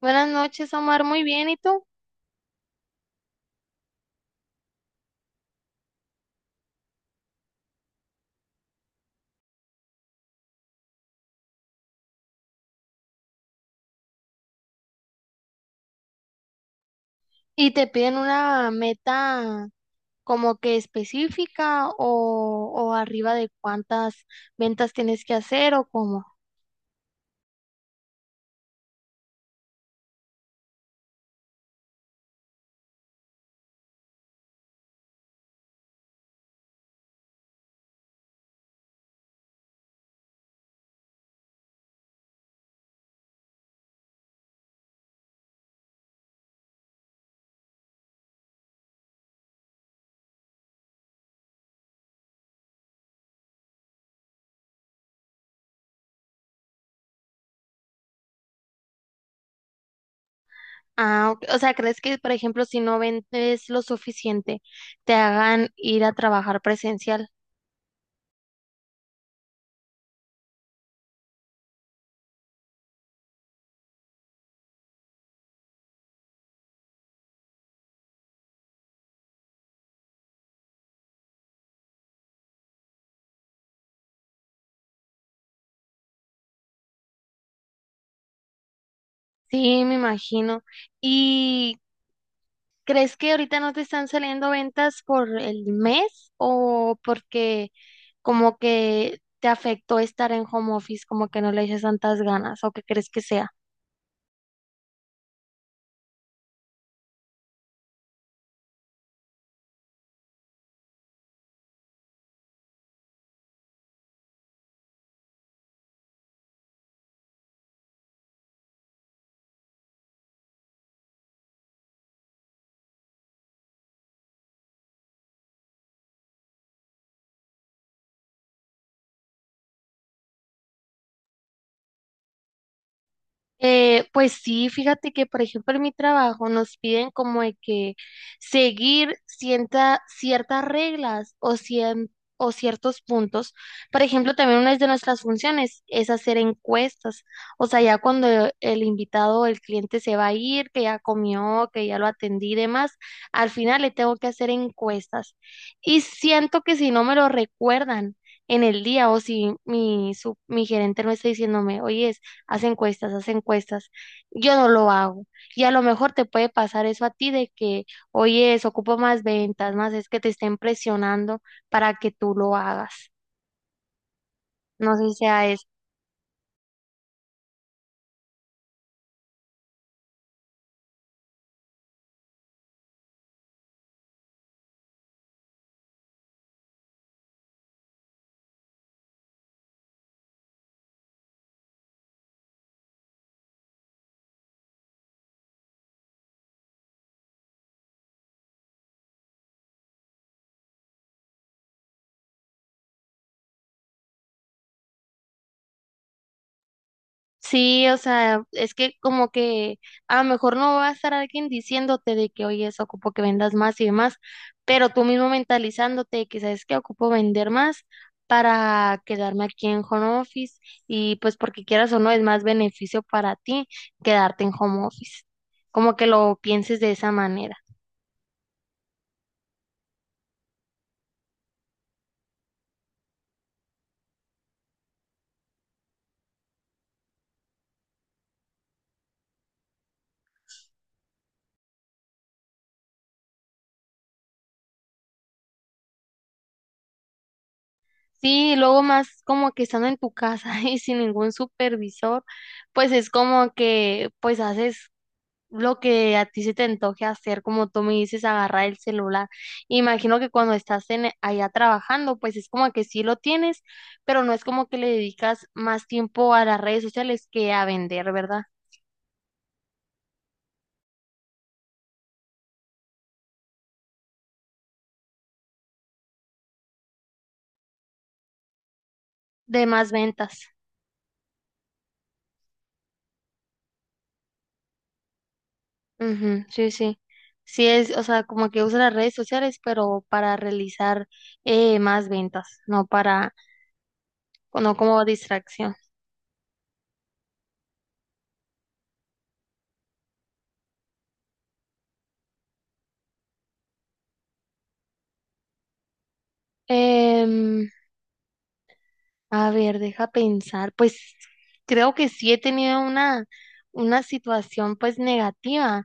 Buenas noches, Omar. Muy bien, ¿y tú? ¿Y te piden una meta como que específica o arriba de cuántas ventas tienes que hacer o cómo? Ah, ok. O sea, ¿crees que, por ejemplo, si no vendes lo suficiente, te hagan ir a trabajar presencial? Sí, me imagino. ¿Y ¿crees que ahorita no te están saliendo ventas por el mes o porque como que te afectó estar en home office, como que no le dices tantas ganas o qué crees que sea? Pues sí, fíjate que por ejemplo en mi trabajo nos piden como de que seguir ciertas reglas o, o ciertos puntos. Por ejemplo, también una de nuestras funciones es hacer encuestas. O sea, ya cuando el invitado o el cliente se va a ir, que ya comió, que ya lo atendí y demás, al final le tengo que hacer encuestas. Y siento que si no me lo recuerdan en el día o si mi gerente no está diciéndome, oye, hace encuestas, hace encuestas. Yo no lo hago. Y a lo mejor te puede pasar eso a ti de que, oye, eso ocupo más ventas, más es que te estén presionando para que tú lo hagas. No sé si sea eso. Sí, o sea, es que como que a lo mejor no va a estar alguien diciéndote de que, oye, eso ocupo que vendas más y demás, pero tú mismo mentalizándote de que sabes que ocupo vender más para quedarme aquí en home office y pues porque quieras o no es más beneficio para ti quedarte en home office. Como que lo pienses de esa manera. Sí, y luego más como que estando en tu casa y sin ningún supervisor, pues es como que pues haces lo que a ti se te antoje hacer, como tú me dices, agarrar el celular. Imagino que cuando estás en, allá trabajando, pues es como que sí lo tienes, pero no es como que le dedicas más tiempo a las redes sociales que a vender, ¿verdad? De más ventas. Ujú, sí, sí. Sí es, o sea, como que usa las redes sociales, pero para realizar más ventas, no para, no como distracción. Em, A ver, deja pensar. Pues creo que sí he tenido una situación pues negativa,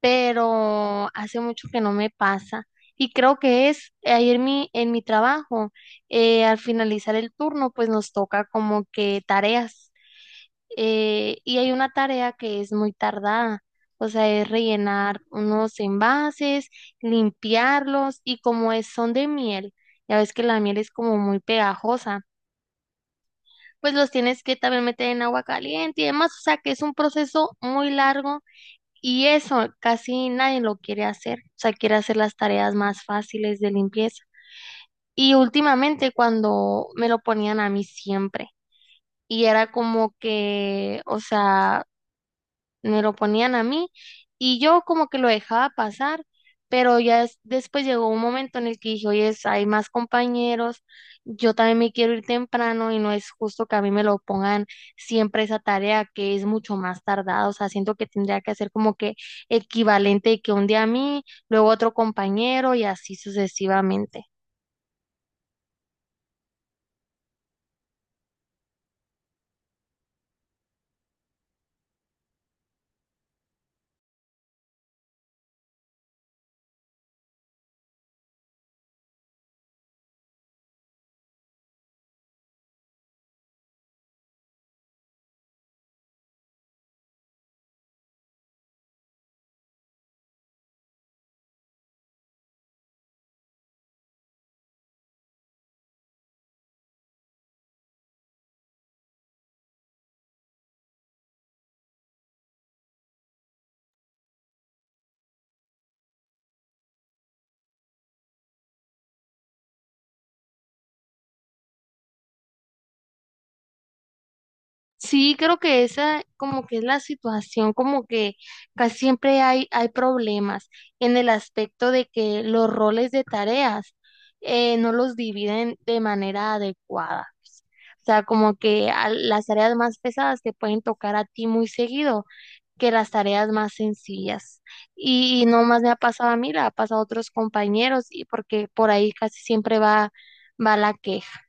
pero hace mucho que no me pasa. Y creo que es ayer en mi trabajo, al finalizar el turno, pues nos toca como que tareas. Y hay una tarea que es muy tardada, o sea, es rellenar unos envases, limpiarlos y como es, son de miel, ya ves que la miel es como muy pegajosa, pues los tienes que también meter en agua caliente y demás, o sea que es un proceso muy largo y eso casi nadie lo quiere hacer, o sea, quiere hacer las tareas más fáciles de limpieza. Y últimamente cuando me lo ponían a mí siempre y era como que, o sea, me lo ponían a mí y yo como que lo dejaba pasar, pero ya después llegó un momento en el que dije, oye, hay más compañeros, yo también me quiero ir temprano y no es justo que a mí me lo pongan siempre esa tarea que es mucho más tardada, o sea, siento que tendría que hacer como que equivalente de que un día a mí, luego otro compañero y así sucesivamente. Sí, creo que esa como que es la situación, como que casi siempre hay problemas en el aspecto de que los roles de tareas no los dividen de manera adecuada. O sea, como que las tareas más pesadas te pueden tocar a ti muy seguido que las tareas más sencillas. Y no más me ha pasado a mí, le ha pasado a otros compañeros, y porque por ahí casi siempre va la queja.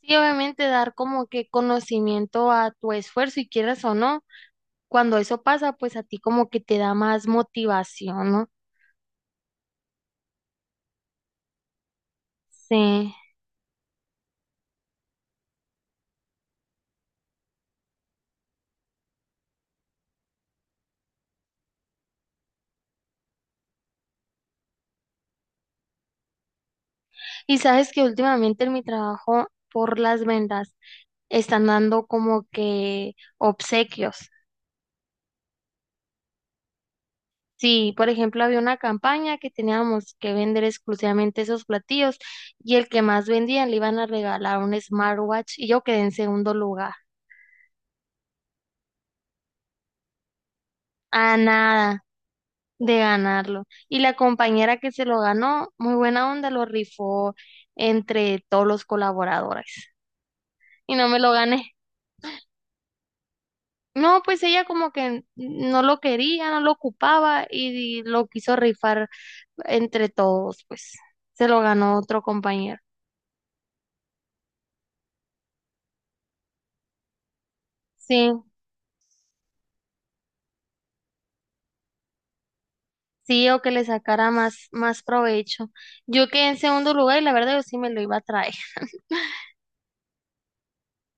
Sí, obviamente dar como que conocimiento a tu esfuerzo y quieras o no, cuando eso pasa, pues a ti como que te da más motivación, ¿no? Sí. Y sabes que últimamente en mi trabajo por las ventas están dando como que obsequios. Sí, por ejemplo, había una campaña que teníamos que vender exclusivamente esos platillos y el que más vendía le iban a regalar un smartwatch y yo quedé en segundo lugar. Ah, nada. De ganarlo. Y la compañera que se lo ganó, muy buena onda, lo rifó entre todos los colaboradores. Y no me lo gané. No, pues ella como que no lo quería, no lo ocupaba y lo quiso rifar entre todos, pues se lo ganó otro compañero. Sí, sí, o que le sacara más provecho. Yo quedé en segundo lugar y la verdad yo sí me lo iba a traer.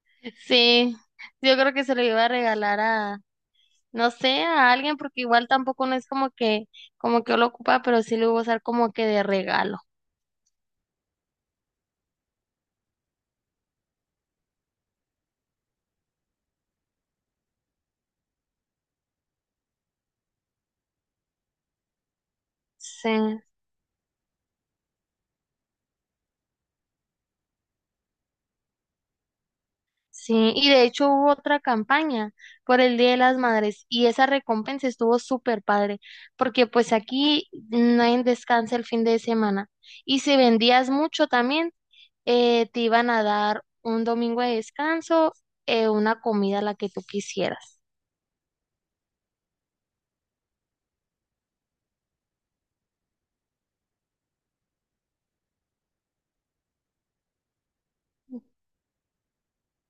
Sí, yo creo que se lo iba a regalar a no sé, a alguien, porque igual tampoco no es como que yo lo ocupa, pero sí lo iba a usar como que de regalo. Sí, sí. Y de hecho hubo otra campaña por el Día de las Madres y esa recompensa estuvo súper padre, porque pues aquí nadie descansa el fin de semana. Y si vendías mucho también, te iban a dar un domingo de descanso, una comida la que tú quisieras.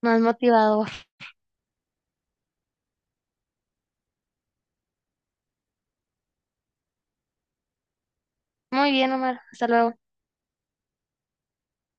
Más motivador. Muy bien, Omar. Hasta luego.